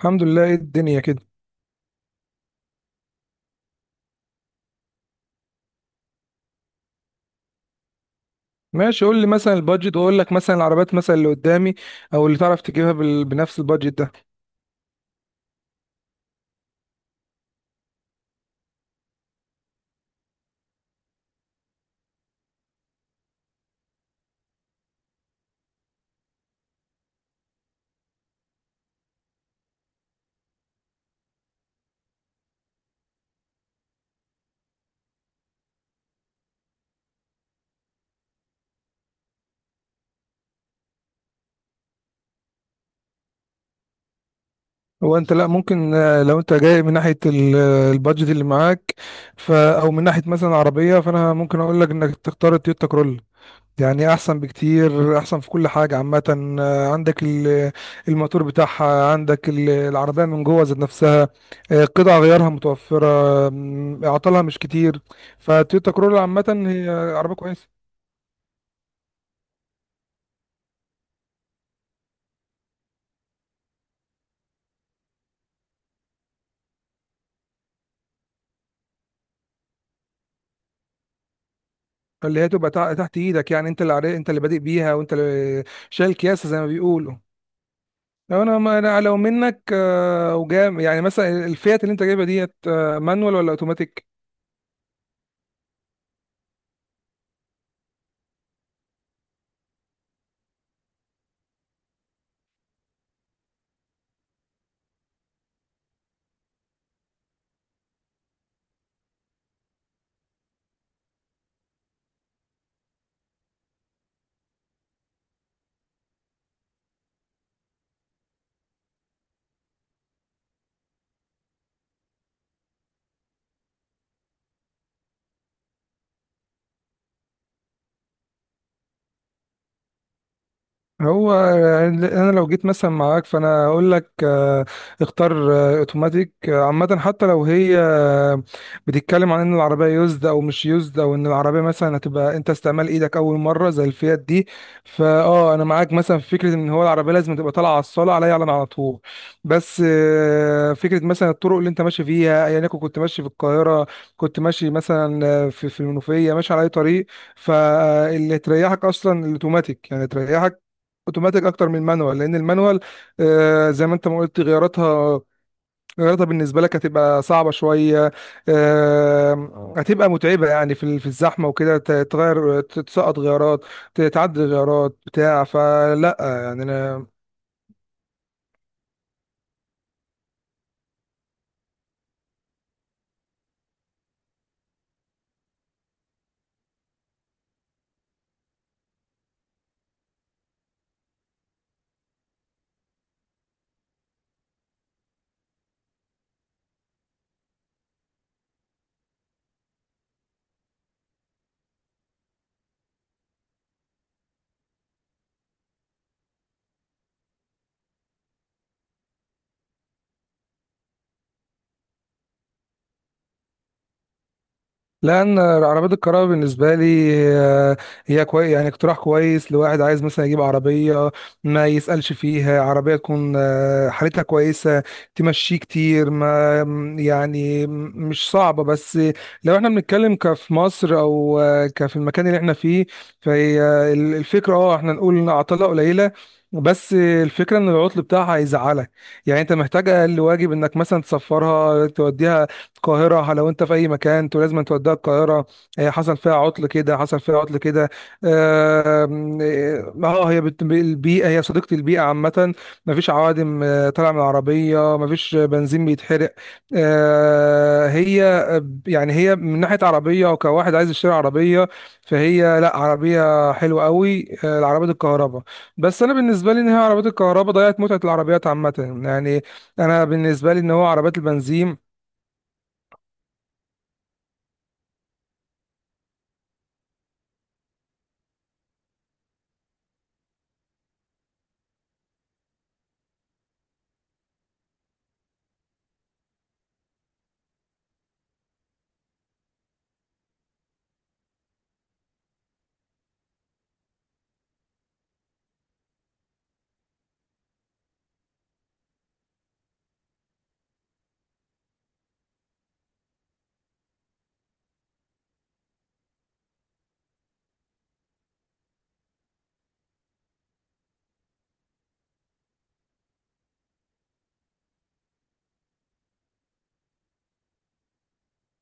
الحمد لله، ايه الدنيا كده. ماشي، قول لي مثلا البادجت واقول لك مثلا العربيات مثلا اللي قدامي او اللي تعرف تجيبها بنفس البادجت ده. هو انت لا ممكن لو انت جاي من ناحيه البادجت اللي معاك او من ناحيه مثلا عربيه، فانا ممكن اقول لك انك تختار التويوتا كرولا. يعني احسن بكتير، احسن في كل حاجه عامه. عندك الموتور بتاعها، عندك العربيه من جوه ذات نفسها. قطع غيارها متوفره. اعطالها مش كتير. فتويوتا كرولا عامه هي عربيه كويسه. اللي هي تبقى تحت ايدك، يعني انت اللي عارف، انت اللي بادئ بيها، وانت اللي شايل كياسه زي ما بيقولوا. لو انا ما أنا لو منك وجام يعني مثلا، الفيات اللي انت جايبها ديت مانوال ولا اوتوماتيك؟ هو يعني انا لو جيت مثلا معاك، فانا اقول لك اختار اوتوماتيك عامه، حتى لو هي بتتكلم عن ان العربيه يوزد او مش يوزد، او ان العربيه مثلا هتبقى انت استعمال ايدك اول مره زي الفيات دي. فاه انا معاك مثلا في فكره ان هو العربيه لازم تبقى طالعه على الصاله، عليا، على طول. بس فكره مثلا الطرق اللي انت ماشي فيها، ايا يكن، كنت ماشي في القاهره، كنت ماشي مثلا في المنوفيه، ماشي على اي طريق، فاللي تريحك اصلا الاوتوماتيك. يعني تريحك اوتوماتيك اكتر من المانوال، لان المانوال زي ما انت ما قلت، غياراتها بالنسبه لك هتبقى صعبه شويه. هتبقى متعبه يعني في في الزحمه وكده، تغير، تسقط غيارات، تعدل غيارات بتاع فلا يعني. لان عربيات الكهرباء بالنسبه لي آه، هي كويس، يعني اقتراح كويس لواحد عايز مثلا يجيب عربيه ما يسالش فيها، عربيه تكون حالتها كويسه، تمشي كتير، ما م- يعني مش صعبه. بس لو احنا بنتكلم كفي مصر او كفي المكان اللي احنا فيه، فهي الفكره، اه، احنا نقول ان عطلها قليله، بس الفكره ان العطل بتاعها هيزعلك. يعني انت محتاج اقل واجب انك مثلا تسفرها، توديها القاهرة. لو انت في اي مكان، انتوا لازم توديها القاهرة. هي حصل فيها عطل كده، حصل فيها عطل كده. آم، اه آه، هي البيئة، هي صديقة البيئة عامة. مفيش عوادم طالعة من العربية، مفيش بنزين بيتحرق. آه، هي يعني هي من ناحية عربية، وكواحد عايز يشتري عربية، فهي لا، عربية حلوة قوي العربية الكهرباء. بس انا بالنسبة لي، ان هي عربية الكهرباء ضيعت متعة العربيات عامة. يعني انا بالنسبة لي ان هو عربيات البنزين.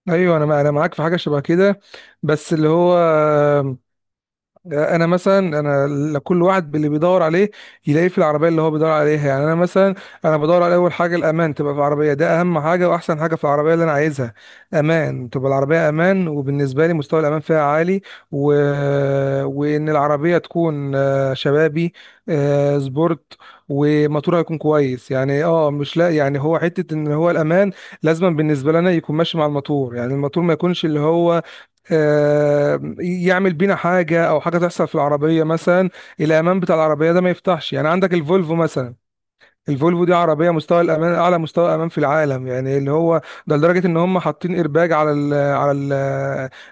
ايوه، انا معاك في حاجه شبه كده، بس اللي هو انا مثلا، انا كل واحد باللي بيدور عليه يلاقيه في العربيه اللي هو بيدور عليها. يعني انا مثلا انا بدور على اول حاجه الامان، تبقى في العربيه، ده اهم حاجه واحسن حاجه في العربيه اللي انا عايزها. امان، تبقى العربيه امان، وبالنسبه لي مستوى الامان فيها عالي. و... وان العربيه تكون شبابي، سبورت، وموتورها يكون كويس. يعني اه مش لا، يعني هو حته ان هو الامان لازما بالنسبه لنا يكون ماشي مع الموتور، يعني الموتور ما يكونش اللي هو يعمل بينا حاجه، او حاجه تحصل في العربيه مثلا الامان بتاع العربيه ده ما يفتحش. يعني عندك الفولفو مثلا، الفولفو دي عربيه مستوى الامان اعلى مستوى امان في العالم، يعني اللي هو ده لدرجه ان هم حاطين ايرباج على ال على ال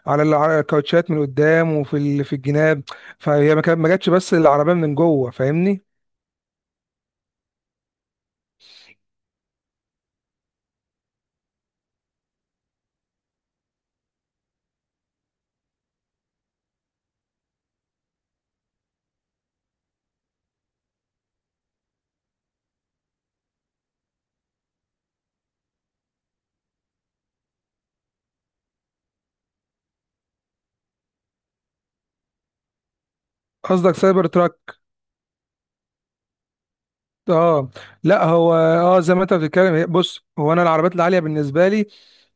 على ال- على الكاوتشات من قدام، وفي في الجناب. فهي ما جاتش بس العربيه من جوه، فاهمني؟ قصدك سايبر تراك؟ اه لا، هو اه زي ما انت بتتكلم، بص، هو انا العربيات العاليه بالنسبه لي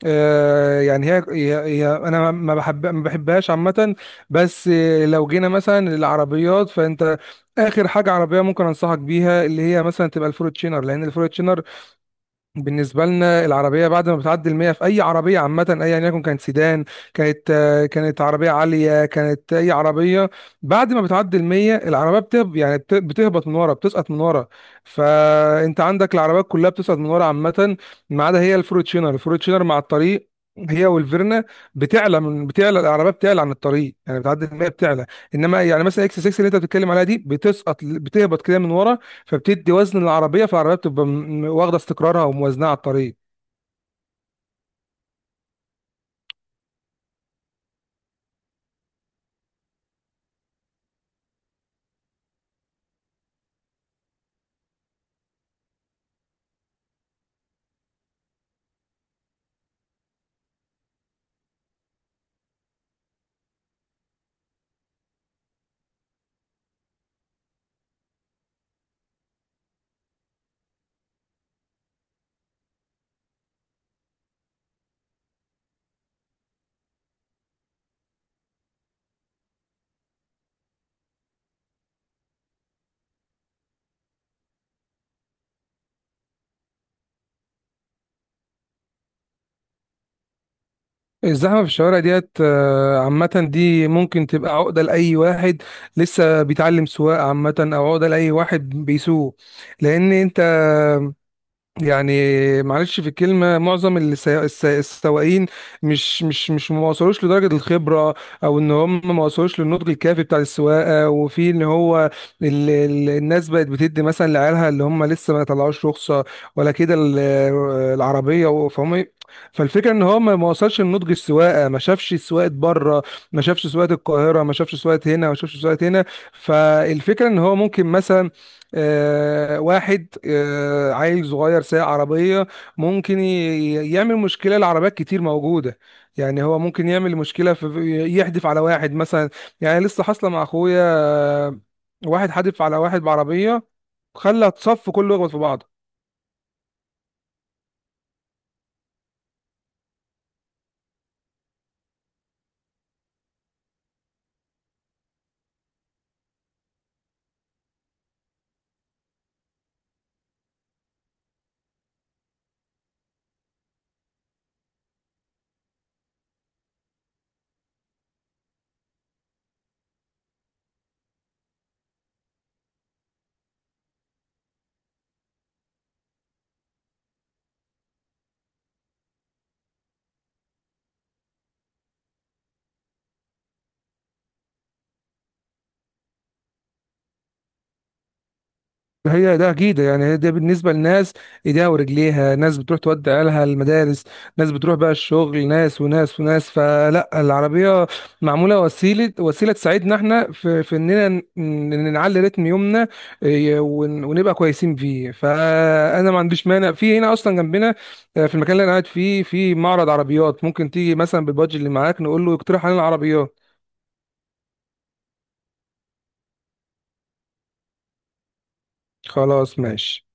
يعني هي انا ما بحبهاش عامه. بس لو جينا مثلا للعربيات، فانت اخر حاجه عربيه ممكن انصحك بيها اللي هي مثلا تبقى الفورتشينر، لان الفورتشينر بالنسبة لنا العربية بعد ما بتعدي المية في أي عربية عامة، أيا يكن كانت سيدان، كانت كانت عربية عالية، كانت أي عربية، بعد ما بتعدي المية العربية بتهب، يعني بتهبط من ورا، بتسقط من ورا. فأنت عندك العربيات كلها بتسقط من ورا عامة، ما عدا هي الفروتشينر. الفروتشينر مع الطريق، هي والفيرنا، بتعلى العربيه، بتعلى عن الطريق. يعني بتعدي المية بتعلى. انما يعني مثلا اكس 6 اللي انت بتتكلم عليها دي بتسقط، بتهبط كده من ورا، فبتدي وزن للعربيه، فالعربيه بتبقى واخده استقرارها وموازنها على الطريق. الزحمه في الشوارع ديت عامه دي ممكن تبقى عقده لاي واحد لسه بيتعلم سواقه عامه، او عقده لاي واحد بيسوق. لان انت يعني معلش في الكلمة، معظم اللي السواقين مش ما وصلوش لدرجة الخبرة، او ان هم ما وصلوش للنضج الكافي بتاع السواقة. وفي ان هو ال ال الناس بقت بتدي مثلا لعيالها اللي هم لسه ما طلعوش رخصة ولا كده العربية، فهم فالفكرة ان هو ما ما وصلش لنضج السواقة، ما شافش سواقة بره، ما شافش سواقة القاهرة، ما شافش سواقة هنا، ما شافش سواقة هنا. فالفكرة ان هو ممكن مثلا واحد عيل صغير سايق عربية، ممكن يعمل مشكلة لعربيات كتير موجودة. يعني هو ممكن يعمل مشكلة في يحدف على واحد مثلا، يعني لسه حاصلة مع أخويا آه، واحد حادف على واحد بعربية، خلى الصف كله يخبط في بعضه. هي ده اكيد، يعني هي ده بالنسبه لناس ايديها ورجليها. ناس بتروح تودي عيالها المدارس، ناس بتروح بقى الشغل، ناس وناس وناس، فلا العربيه معموله وسيله، تساعدنا احنا في، اننا نعلي رتم يومنا إيه، ونبقى كويسين فيه. فانا ما عنديش مانع، في هنا اصلا جنبنا في المكان اللي انا قاعد فيه في معرض عربيات، ممكن تيجي مثلا بالبادج اللي معاك، نقول له يقترح علينا عربيات. خلاص ماشي.